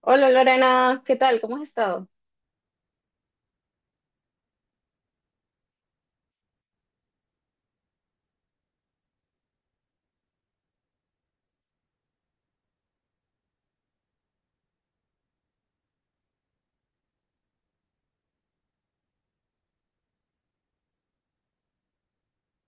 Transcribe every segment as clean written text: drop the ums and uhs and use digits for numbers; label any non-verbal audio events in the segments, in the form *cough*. Hola Lorena, ¿qué tal? ¿Cómo has estado?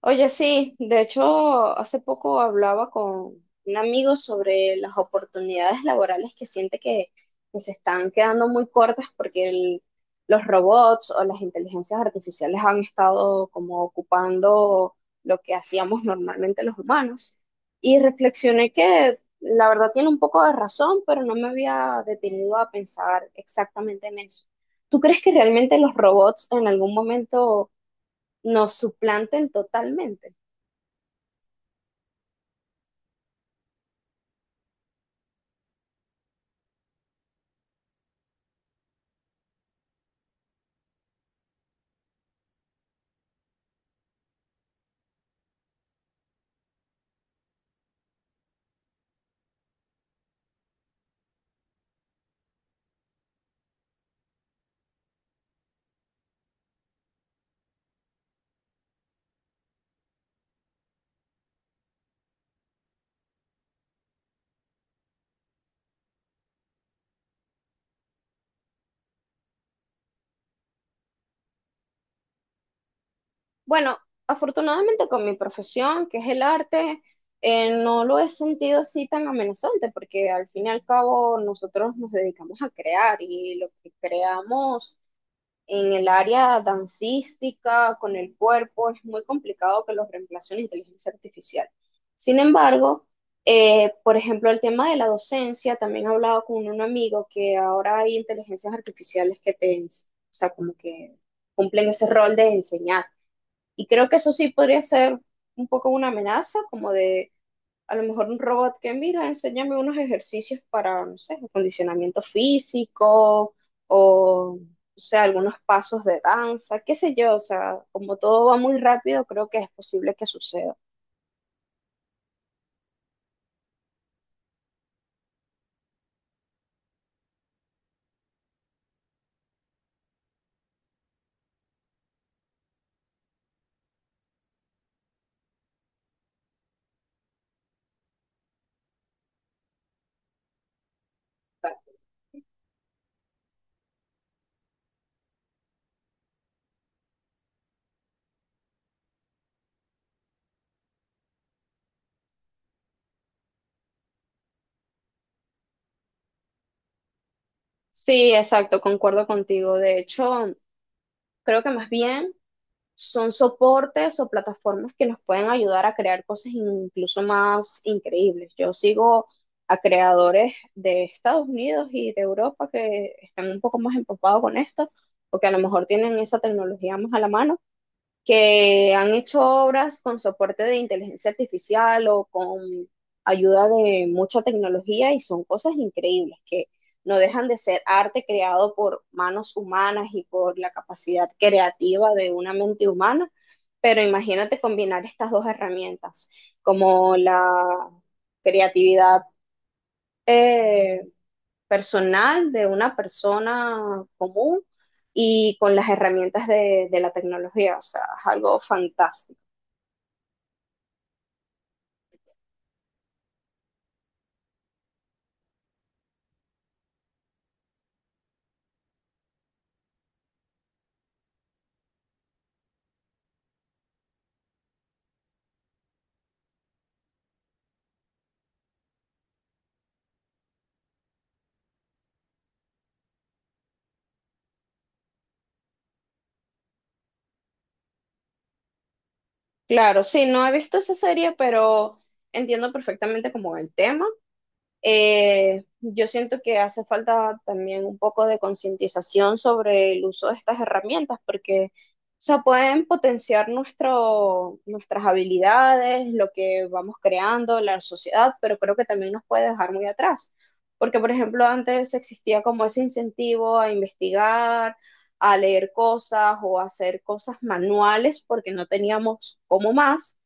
Oye, sí, de hecho, hace poco hablaba con un amigo sobre las oportunidades laborales que siente que se están quedando muy cortas porque los robots o las inteligencias artificiales han estado como ocupando lo que hacíamos normalmente los humanos. Y reflexioné que la verdad tiene un poco de razón, pero no me había detenido a pensar exactamente en eso. ¿Tú crees que realmente los robots en algún momento nos suplanten totalmente? Bueno, afortunadamente con mi profesión, que es el arte, no lo he sentido así tan amenazante, porque al fin y al cabo nosotros nos dedicamos a crear y lo que creamos en el área dancística, con el cuerpo, es muy complicado que los reemplace la inteligencia artificial. Sin embargo, por ejemplo, el tema de la docencia, también he hablado con un amigo que ahora hay inteligencias artificiales que o sea, como que cumplen ese rol de enseñar. Y creo que eso sí podría ser un poco una amenaza, como de a lo mejor un robot que mira, enséñame unos ejercicios para, no sé, acondicionamiento físico o, o sea, algunos pasos de danza, qué sé yo, o sea, como todo va muy rápido, creo que es posible que suceda. Sí, exacto, concuerdo contigo. De hecho, creo que más bien son soportes o plataformas que nos pueden ayudar a crear cosas incluso más increíbles. Yo sigo a creadores de Estados Unidos y de Europa que están un poco más empapados con esto, porque a lo mejor tienen esa tecnología más a la mano que han hecho obras con soporte de inteligencia artificial o con ayuda de mucha tecnología y son cosas increíbles que no dejan de ser arte creado por manos humanas y por la capacidad creativa de una mente humana, pero imagínate combinar estas dos herramientas, como la creatividad eh, personal de una persona común y con las herramientas de la tecnología. O sea, es algo fantástico. Claro, sí, no he visto esa serie, pero entiendo perfectamente como el tema. Yo siento que hace falta también un poco de concientización sobre el uso de estas herramientas, porque, o sea, pueden potenciar nuestras habilidades, lo que vamos creando, la sociedad, pero creo que también nos puede dejar muy atrás. Porque, por ejemplo, antes existía como ese incentivo a investigar, a leer cosas o a hacer cosas manuales, porque no teníamos como más.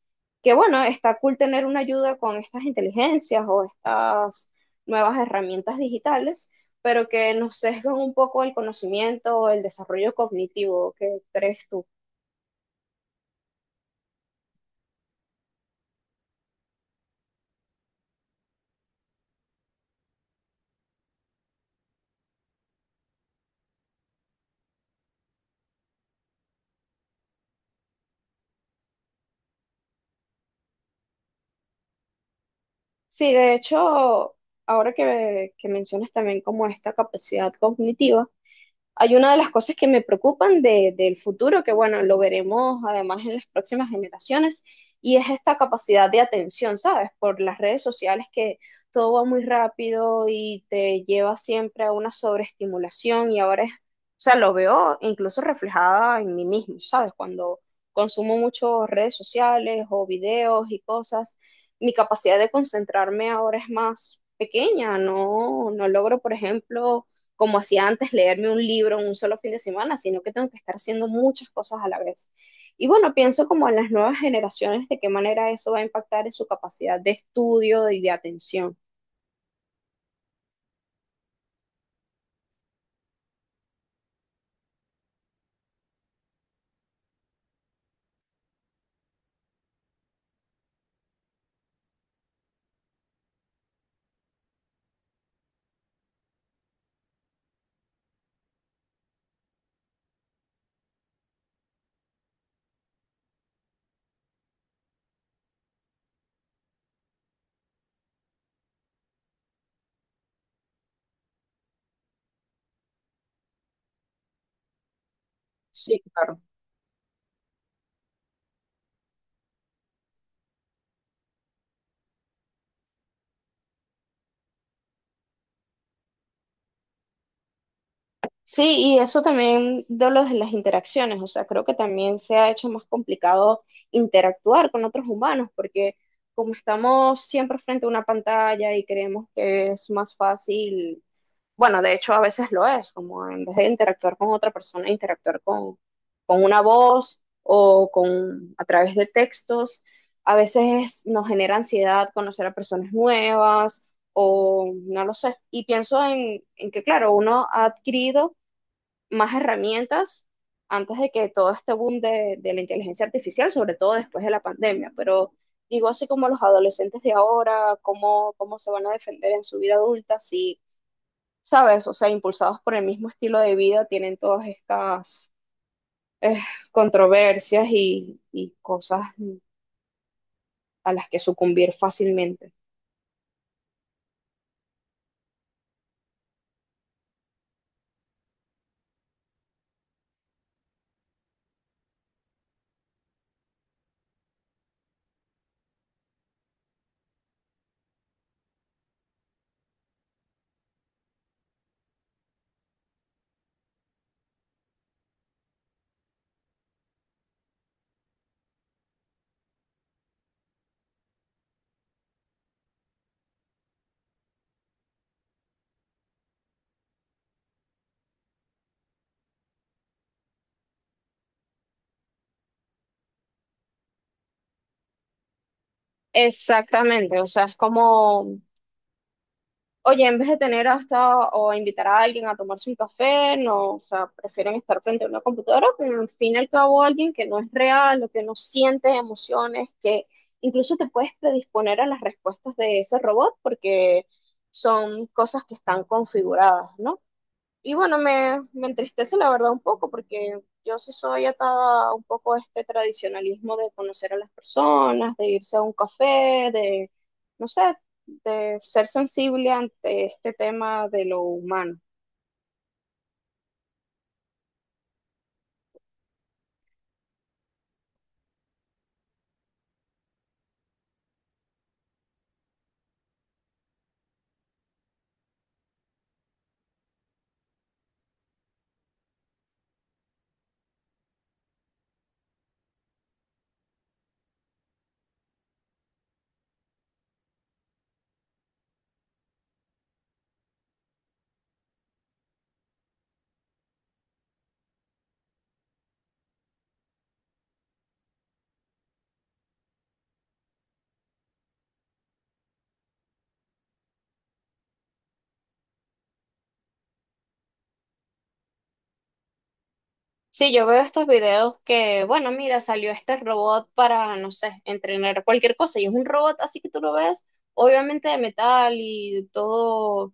Que bueno, está cool tener una ayuda con estas inteligencias o estas nuevas herramientas digitales, pero que nos sesgan un poco el conocimiento o el desarrollo cognitivo. ¿Qué crees tú? Sí, de hecho, ahora que mencionas también como esta capacidad cognitiva, hay una de las cosas que me preocupan del futuro, que bueno, lo veremos además en las próximas generaciones, y es esta capacidad de atención, ¿sabes? Por las redes sociales que todo va muy rápido y te lleva siempre a una sobreestimulación y ahora es, o sea, lo veo incluso reflejada en mí mismo, ¿sabes? Cuando consumo mucho redes sociales o videos y cosas, mi capacidad de concentrarme ahora es más pequeña, no logro, por ejemplo, como hacía antes, leerme un libro en un solo fin de semana, sino que tengo que estar haciendo muchas cosas a la vez. Y bueno, pienso como en las nuevas generaciones, de qué manera eso va a impactar en su capacidad de estudio y de atención. Sí, claro. Sí, y eso también de lo de las interacciones, o sea, creo que también se ha hecho más complicado interactuar con otros humanos, porque como estamos siempre frente a una pantalla y creemos que es más fácil. Bueno, de hecho a veces lo es, como en vez de interactuar con otra persona, interactuar con una voz o con a través de textos. A veces nos genera ansiedad conocer a personas nuevas o no lo sé. Y pienso en que, claro, uno ha adquirido más herramientas antes de que todo este boom de la inteligencia artificial, sobre todo después de la pandemia. Pero digo, así como los adolescentes de ahora, cómo se van a defender en su vida adulta si, ¿sabes? O sea, impulsados por el mismo estilo de vida, tienen todas estas eh, controversias y cosas a las que sucumbir fácilmente. Exactamente, o sea, es como, oye, en vez de tener hasta o invitar a alguien a tomarse un café, no, o sea, prefieren estar frente a una computadora con al fin y al cabo alguien que no es real, o que no siente emociones, que incluso te puedes predisponer a las respuestas de ese robot porque son cosas que están configuradas, ¿no? Y bueno, me entristece la verdad un poco porque yo sí soy atada un poco a este tradicionalismo de conocer a las personas, de irse a un café, de, no sé, de ser sensible ante este tema de lo humano. Sí, yo veo estos videos que, bueno, mira, salió este robot para, no sé, entrenar cualquier cosa y es un robot así que tú lo ves, obviamente de metal y todo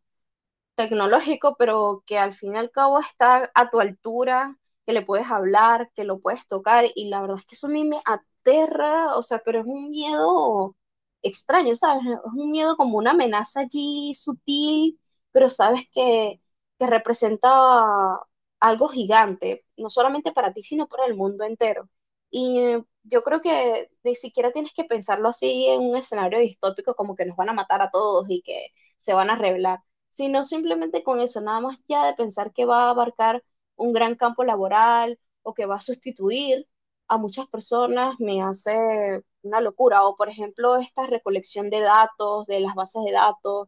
tecnológico, pero que al fin y al cabo está a tu altura, que le puedes hablar, que lo puedes tocar, y la verdad es que eso a mí me aterra, o sea, pero es un miedo extraño, ¿sabes? Es un miedo como una amenaza allí sutil, pero sabes que representa algo gigante, no solamente para ti, sino para el mundo entero. Y yo creo que ni siquiera tienes que pensarlo así en un escenario distópico como que nos van a matar a todos y que se van a rebelar, sino simplemente con eso, nada más ya de pensar que va a abarcar un gran campo laboral o que va a sustituir a muchas personas me hace una locura. O por ejemplo, esta recolección de datos, de las bases de datos,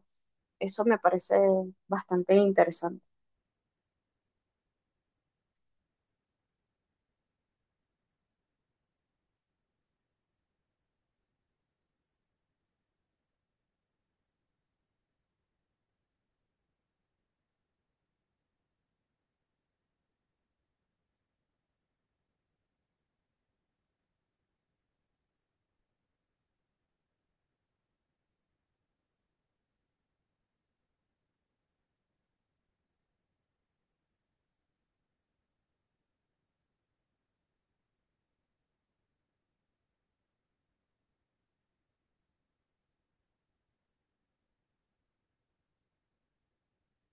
eso me parece bastante interesante.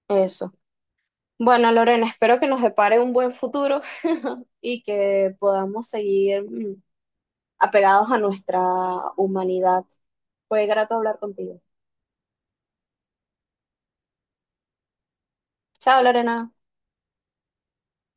Eso. Bueno, Lorena, espero que nos depare un buen futuro *laughs* y que podamos seguir apegados a nuestra humanidad. Fue grato hablar contigo. Chao, Lorena.